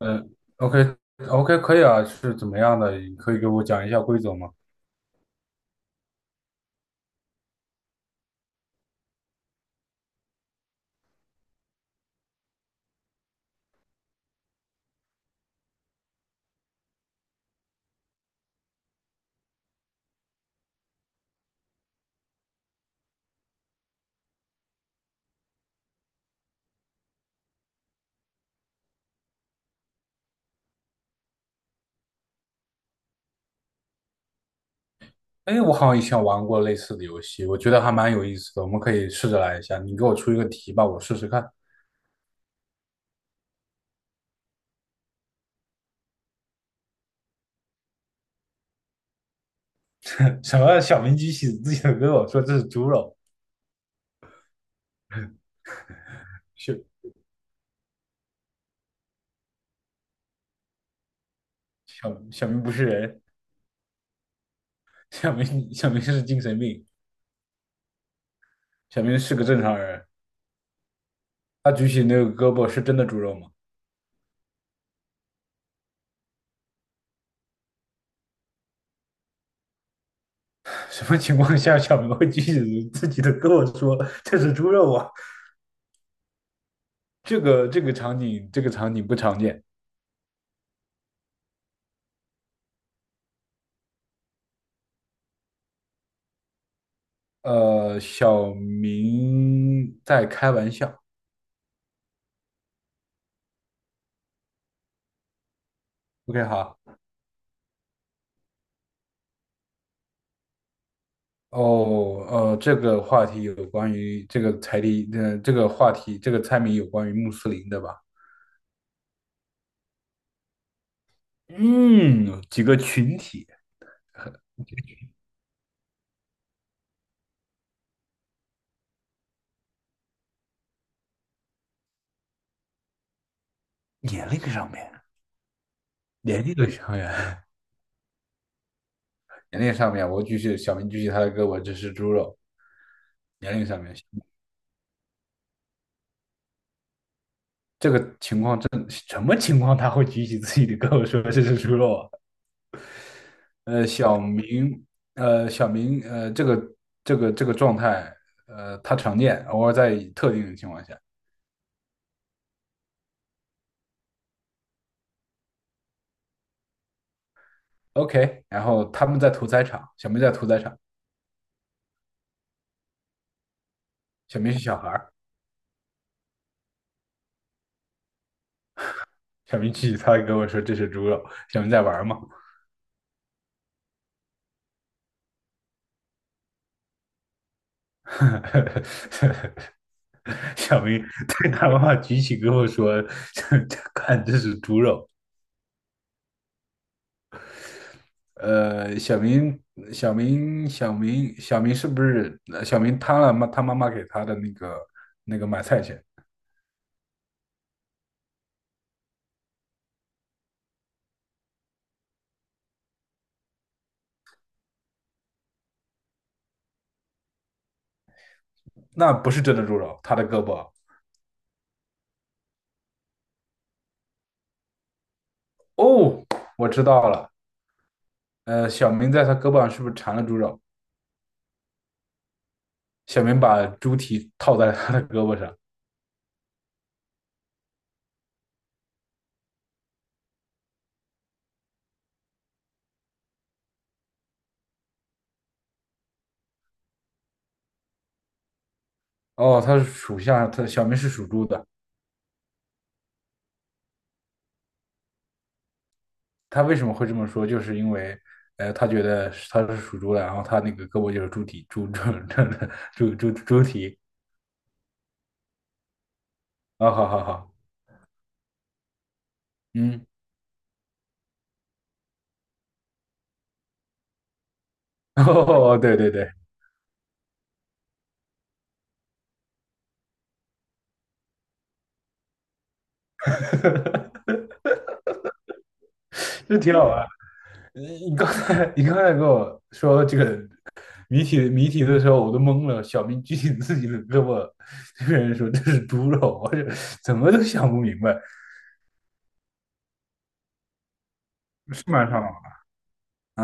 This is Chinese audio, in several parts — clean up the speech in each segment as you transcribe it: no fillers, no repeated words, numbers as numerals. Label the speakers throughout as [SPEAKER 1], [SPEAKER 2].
[SPEAKER 1] 呃，OK OK 可以啊，是怎么样的？你可以给我讲一下规则吗？哎，我好像以前玩过类似的游戏，我觉得还蛮有意思的，我们可以试着来一下。你给我出一个题吧，我试试看。什么小明举起自己的胳膊说这是猪肉，小小明不是人，小明是精神病，小明是个正常人。他举起那个胳膊是真的猪肉吗？什么情况下小明会举起自己的胳膊说这是猪肉啊？场景这个场景不常见。小明在开玩笑。OK，好。哦，这个话题有关于这个猜题，这个话题，这个猜谜有关于穆斯林的吧？嗯，几个群体，年龄上面，年龄的上面，年龄上面，我举起小明举起他的胳膊，这是猪肉。年龄上面，这个情况真什么情况他会举起自己的胳膊说这是猪肉啊？呃，小明，小明，这个状态，他常见，偶尔在特定的情况下。OK，然后他们在屠宰场，小明在屠宰场，小明是小孩儿，小明去，他跟我说这是猪肉，小明在玩儿嘛，小明对他妈妈举起跟我说，看这是猪肉。呃，小明，小明是不是？小明贪了妈他妈妈给他的那个买菜钱。那不是真的猪肉，他的胳膊。哦，我知道了。小明在他胳膊上是不是缠了猪肉？小明把猪蹄套在他的胳膊上。哦，他是属相，他小明是属猪的。他为什么会这么说？就是因为，他觉得他是属猪的，然后他那个胳膊就是猪蹄，猪猪猪猪蹄。哦好好好，嗯，哦，对对对，这挺好玩。你刚才跟我说这个谜题的时候我都懵了，小明举起自己的胳膊，这个人说这是猪肉，我这怎么都想不明白，是蛮上脑的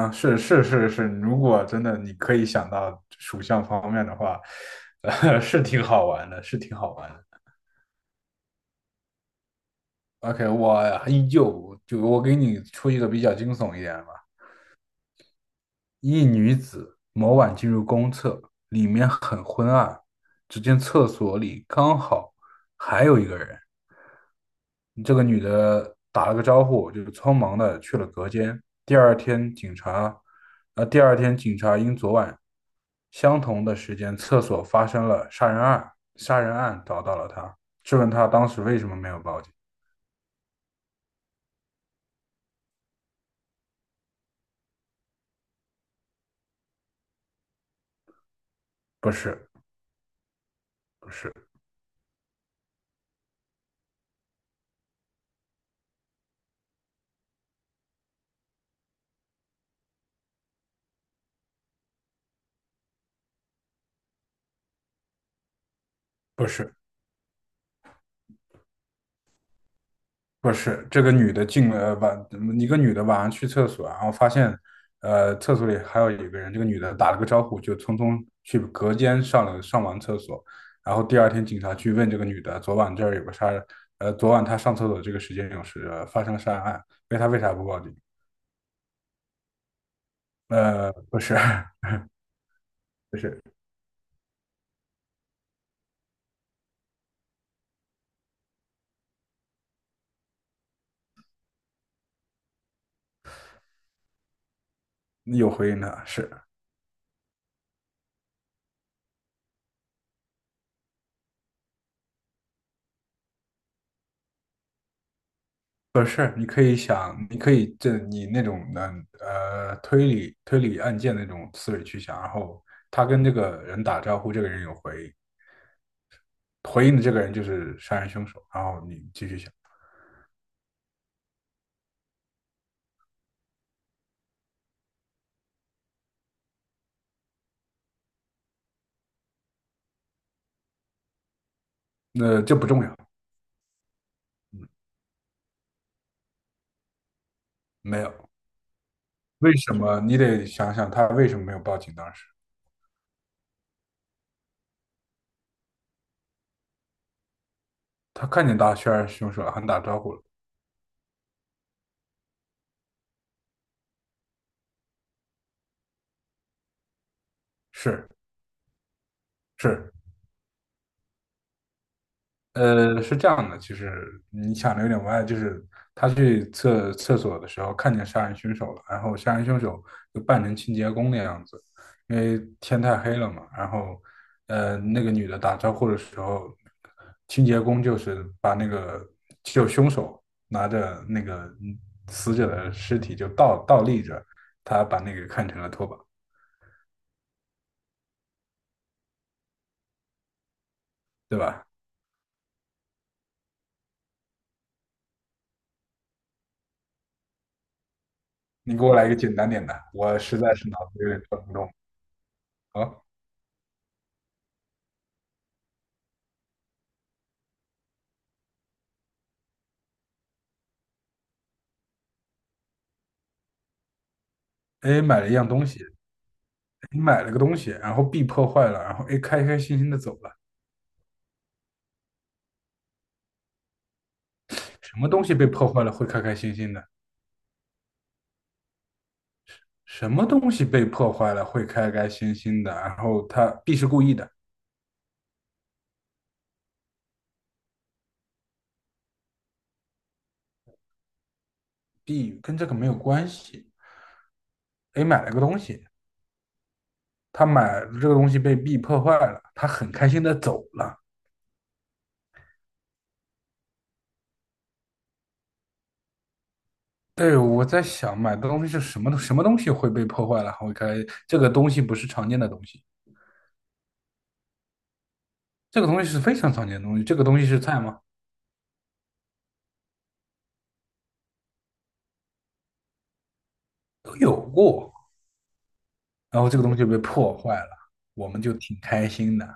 [SPEAKER 1] 啊，是是是是，如果真的你可以想到属相方面的话，是挺好玩的，是挺好玩的。OK，我依旧就我给你出一个比较惊悚一点的吧。一女子某晚进入公厕，里面很昏暗，只见厕所里刚好还有一个人。这个女的打了个招呼，就匆忙的去了隔间。第二天，警察，第二天警察因昨晚相同的时间厕所发生了杀人案，杀人案找到了她，质问她当时为什么没有报警。不是，不是，不是。不是，这个女的进了晚，一个女的晚上去厕所，然后发现，厕所里还有一个人。这个女的打了个招呼，就匆匆去隔间上完厕所。然后第二天警察去问这个女的，昨晚这儿有个杀人，昨晚她上厕所这个时间发生了杀人案，问她为啥不报警？不是，不是有回应的，是。不是，你可以想，你可以这你那种的推理案件那种思维去想，然后他跟这个人打招呼，这个人有回应，回应的这个人就是杀人凶手，然后你继续想，那这不重要，没有，为什么你得想想他为什么没有报警？当时他看见大杀人凶手了，还打招呼了，是是，是这样的，就是你想的有点歪，就是他去厕所的时候看见杀人凶手了，然后杀人凶手就扮成清洁工的样子，因为天太黑了嘛，然后那个女的打招呼的时候，清洁工就是把那个凶手拿着那个死者的尸体就倒立着，他把那个看成了拖把，对吧？你给我来一个简单点的，我实在是脑子有点转不动。好，哎，买了一样东西。你买了个东西，然后 B 破坏了，然后 A 开开心心的走了。什么东西被破坏了会开开心心的？什么东西被破坏了会开开心心的？然后他 B 是故意的，跟这个没有关系。A 买了个东西，他买这个东西被 B 破坏了，他很开心的走了。对，我在想买的东西是什么？什么东西会被破坏了？会开这个东西不是常见的东西，这个东西是非常常见的东西。这个东西是菜吗？然后这个东西被破坏了，我们就挺开心的。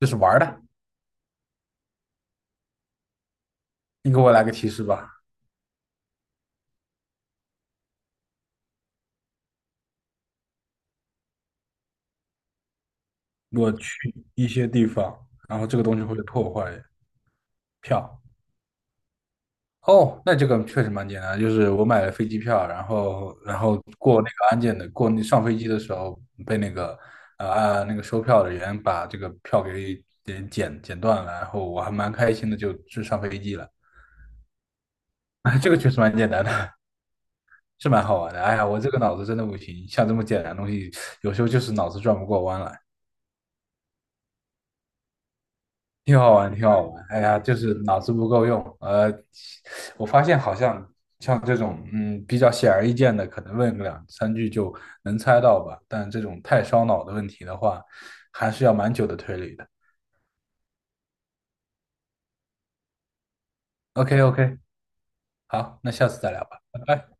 [SPEAKER 1] 就是玩儿的。你给我来个提示吧。我去一些地方，然后这个东西会破坏票。哦，那这个确实蛮简单，就是我买了飞机票，然后过那个安检的，过那上飞机的时候被那个那个收票的人把这个票给剪断了，然后我还蛮开心的，就上飞机了。这个确实蛮简单的，是蛮好玩的。哎呀，我这个脑子真的不行，像这么简单的东西，有时候就是脑子转不过弯来。挺好玩，挺好玩。哎呀，就是脑子不够用。我发现好像像这种，嗯，比较显而易见的，可能问个两三句就能猜到吧。但这种太烧脑的问题的话，还是要蛮久的推理的。OK，OK，好，那下次再聊吧，拜拜。